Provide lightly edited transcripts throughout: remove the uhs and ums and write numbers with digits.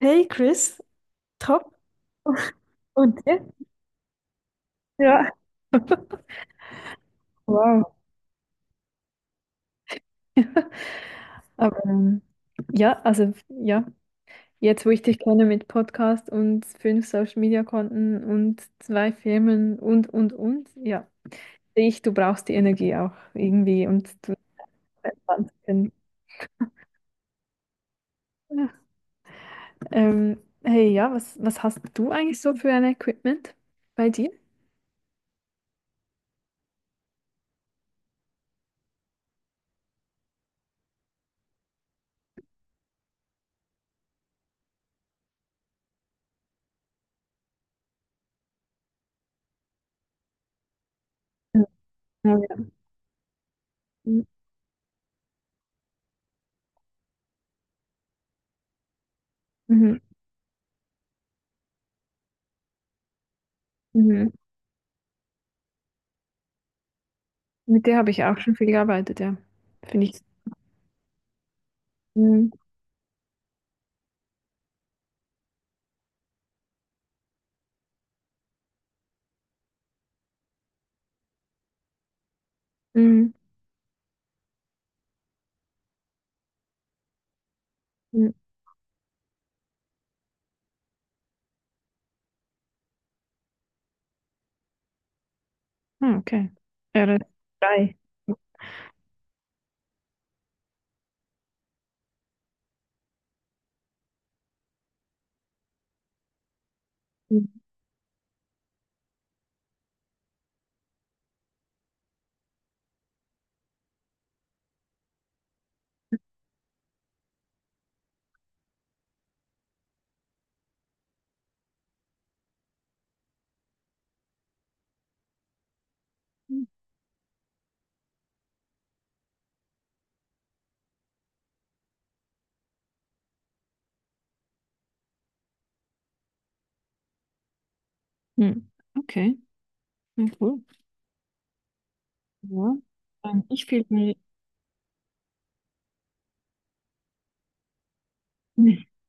Hey Chris, top. Und dir? Ja. Wow. Aber ja, jetzt wo ich dich kenne mit Podcast und fünf Social Media Konten und zwei Firmen ja, sehe ich, du brauchst die Energie auch irgendwie und du entspannen zu können. Ja. Ähm, hey, ja, was hast du eigentlich so für ein Equipment bei dir? Ja, ja. Mhm, mhm. Mit der habe ich auch schon viel gearbeitet, ja. Finde ich. Mhm, mhm. Mhm. Ah, okay. Ja, das drei. Mhm. Hm. Okay, ja, cool. Ja. Ich filme.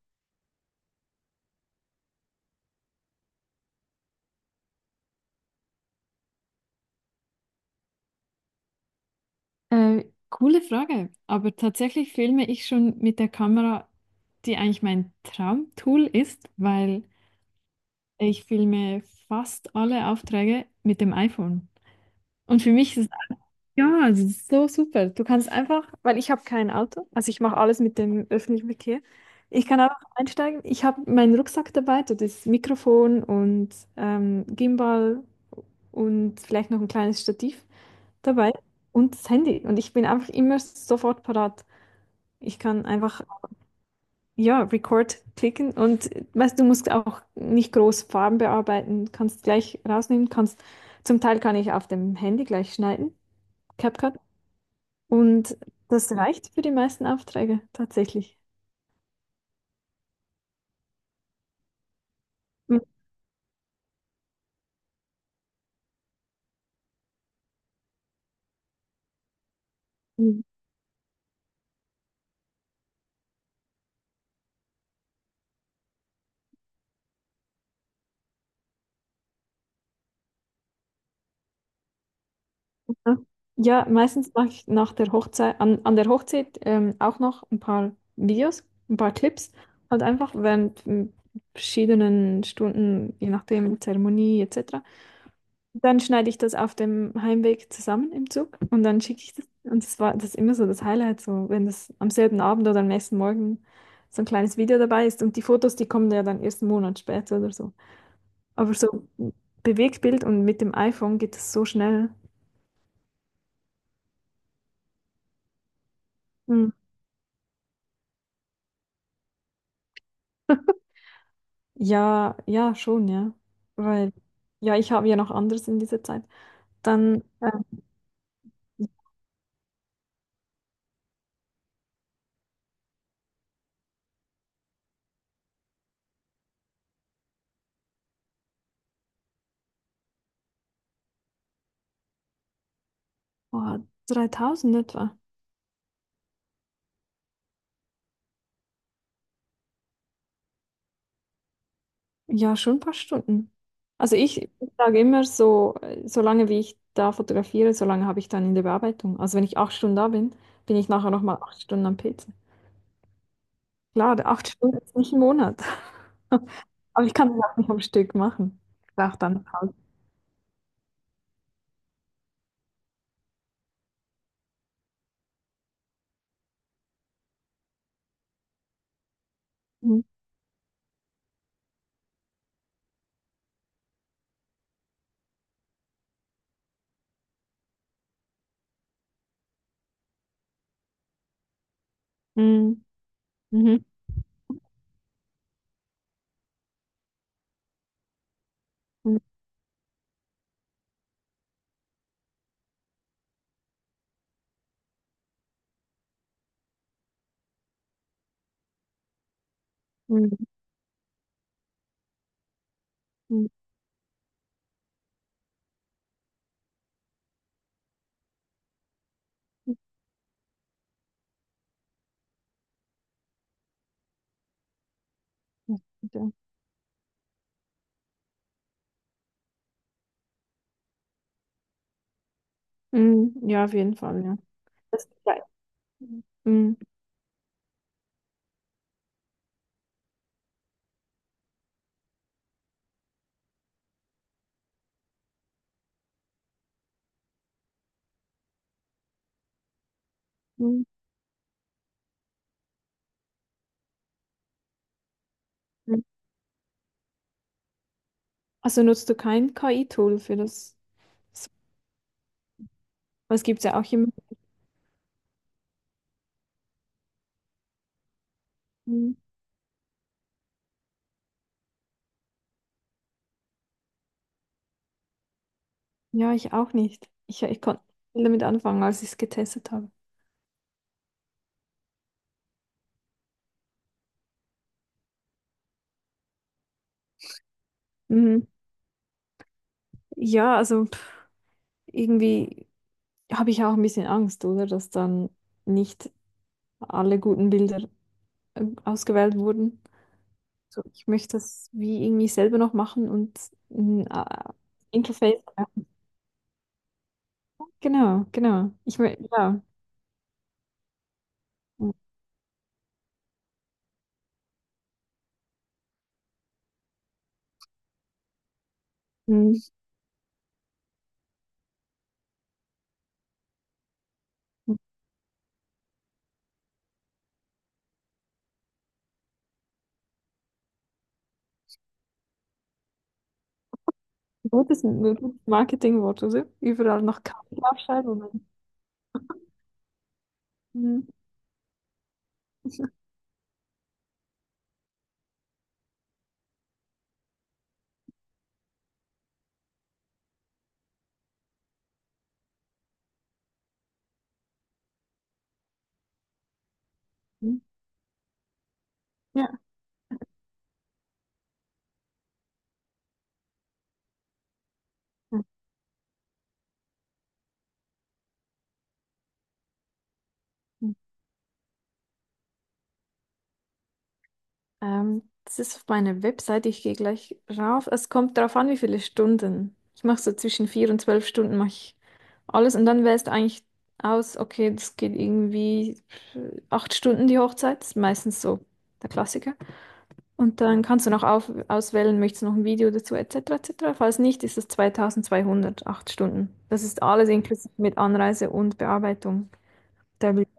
Äh, coole Frage, aber tatsächlich filme ich schon mit der Kamera, die eigentlich mein Traumtool ist, weil ich filme fast alle Aufträge mit dem iPhone. Und für mich ist, ja, das ist so super. Du kannst einfach, weil ich habe kein Auto, also ich mache alles mit dem öffentlichen Verkehr. Ich kann einfach einsteigen. Ich habe meinen Rucksack dabei, so das Mikrofon und Gimbal und vielleicht noch ein kleines Stativ dabei und das Handy. Und ich bin einfach immer sofort parat. Ich kann einfach, ja, Record klicken und weißt, du musst auch nicht groß Farben bearbeiten, kannst gleich rausnehmen, kannst, zum Teil kann ich auf dem Handy gleich schneiden. CapCut. Und das reicht für die meisten Aufträge tatsächlich. Mhm. Ja, meistens mache ich nach der Hochzeit, an der Hochzeit auch noch ein paar Videos, ein paar Clips, halt einfach während verschiedenen Stunden, je nachdem, Zeremonie etc. Dann schneide ich das auf dem Heimweg zusammen im Zug und dann schicke ich das. Und das war das ist immer so das Highlight, so wenn das am selben Abend oder am nächsten Morgen so ein kleines Video dabei ist. Und die Fotos, die kommen ja dann erst einen Monat später oder so. Aber so Bewegtbild und mit dem iPhone geht es so schnell. Hm. Ja, ja, schon, ja. Weil, ja, ich habe ja noch anderes in dieser Zeit. Dann, oh, 3000 etwa. Ja, schon ein paar Stunden. Also ich sage immer so, solange wie ich da fotografiere, solange habe ich dann in der Bearbeitung. Also wenn ich acht Stunden da bin, bin ich nachher nochmal acht Stunden am PC. Klar, acht Stunden ist nicht ein Monat. Aber ich kann das auch nicht am Stück machen. Ich brauche dann Pause. Mhm. Mhm. Mhm. Mhm. Mhm. Mhm. Das, ja, mhm. Ja, auf jeden Fall, ja. Das gleich. Mhm. Mhm. Mhm. Also nutzt du kein KI-Tool für das? Es gibt ja auch immer. Mhm. Ja, ich auch nicht. Ich konnte nicht damit anfangen, als ich es getestet habe. Mhm. Ja, also pff, irgendwie habe ich auch ein bisschen Angst, oder? Dass dann nicht alle guten Bilder ausgewählt wurden. So, ich möchte das wie irgendwie selber noch machen und ein Interface. Genau, genau. Ich meine, ja. Mhm. Gutes, gutes Marketingwort, oder? Überall noch Kaffee aufschreiben. Und dann- Mhm. Mhm. Ja. Mhm. Das ist auf meiner Webseite. Ich gehe gleich rauf. Es kommt darauf an, wie viele Stunden. Ich mache so zwischen vier und zwölf Stunden mache ich alles und dann wählst du eigentlich aus, okay, das geht irgendwie acht Stunden die Hochzeit. Das ist meistens so der Klassiker. Und dann kannst du noch auf, auswählen, möchtest du noch ein Video dazu, etc., etc. Falls nicht, ist es 2200, acht Stunden. Das ist alles inklusive mit Anreise und Bearbeitung der Bilder.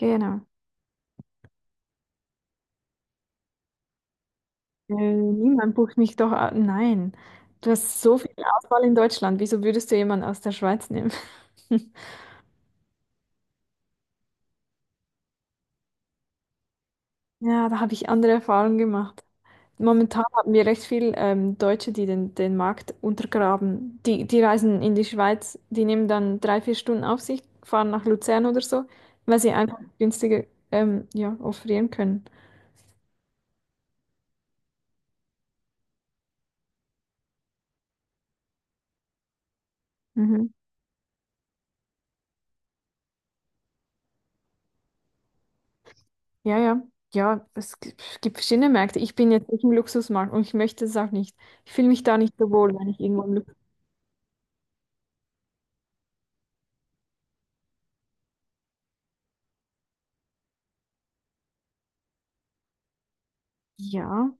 Genau. Niemand bucht mich doch. A- nein. Du hast so viel Auswahl in Deutschland. Wieso würdest du jemanden aus der Schweiz nehmen? Ja, da habe ich andere Erfahrungen gemacht. Momentan haben wir recht viel Deutsche, den Markt untergraben. Die reisen in die Schweiz, die nehmen dann drei, vier Stunden auf sich, fahren nach Luzern oder so, weil sie einfach günstiger ja, offerieren können. Mhm. Ja, ja. Ja, gibt verschiedene Märkte. Ich bin jetzt nicht im Luxusmarkt und ich möchte es auch nicht. Ich fühle mich da nicht so wohl, wenn ich irgendwo im Luxus. Ja.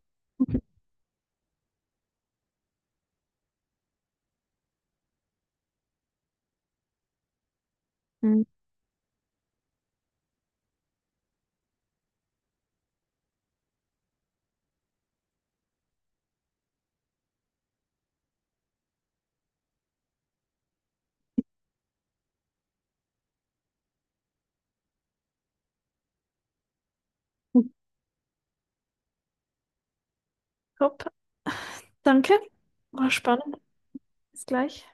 Mhm. Top. Danke. War spannend. Bis gleich.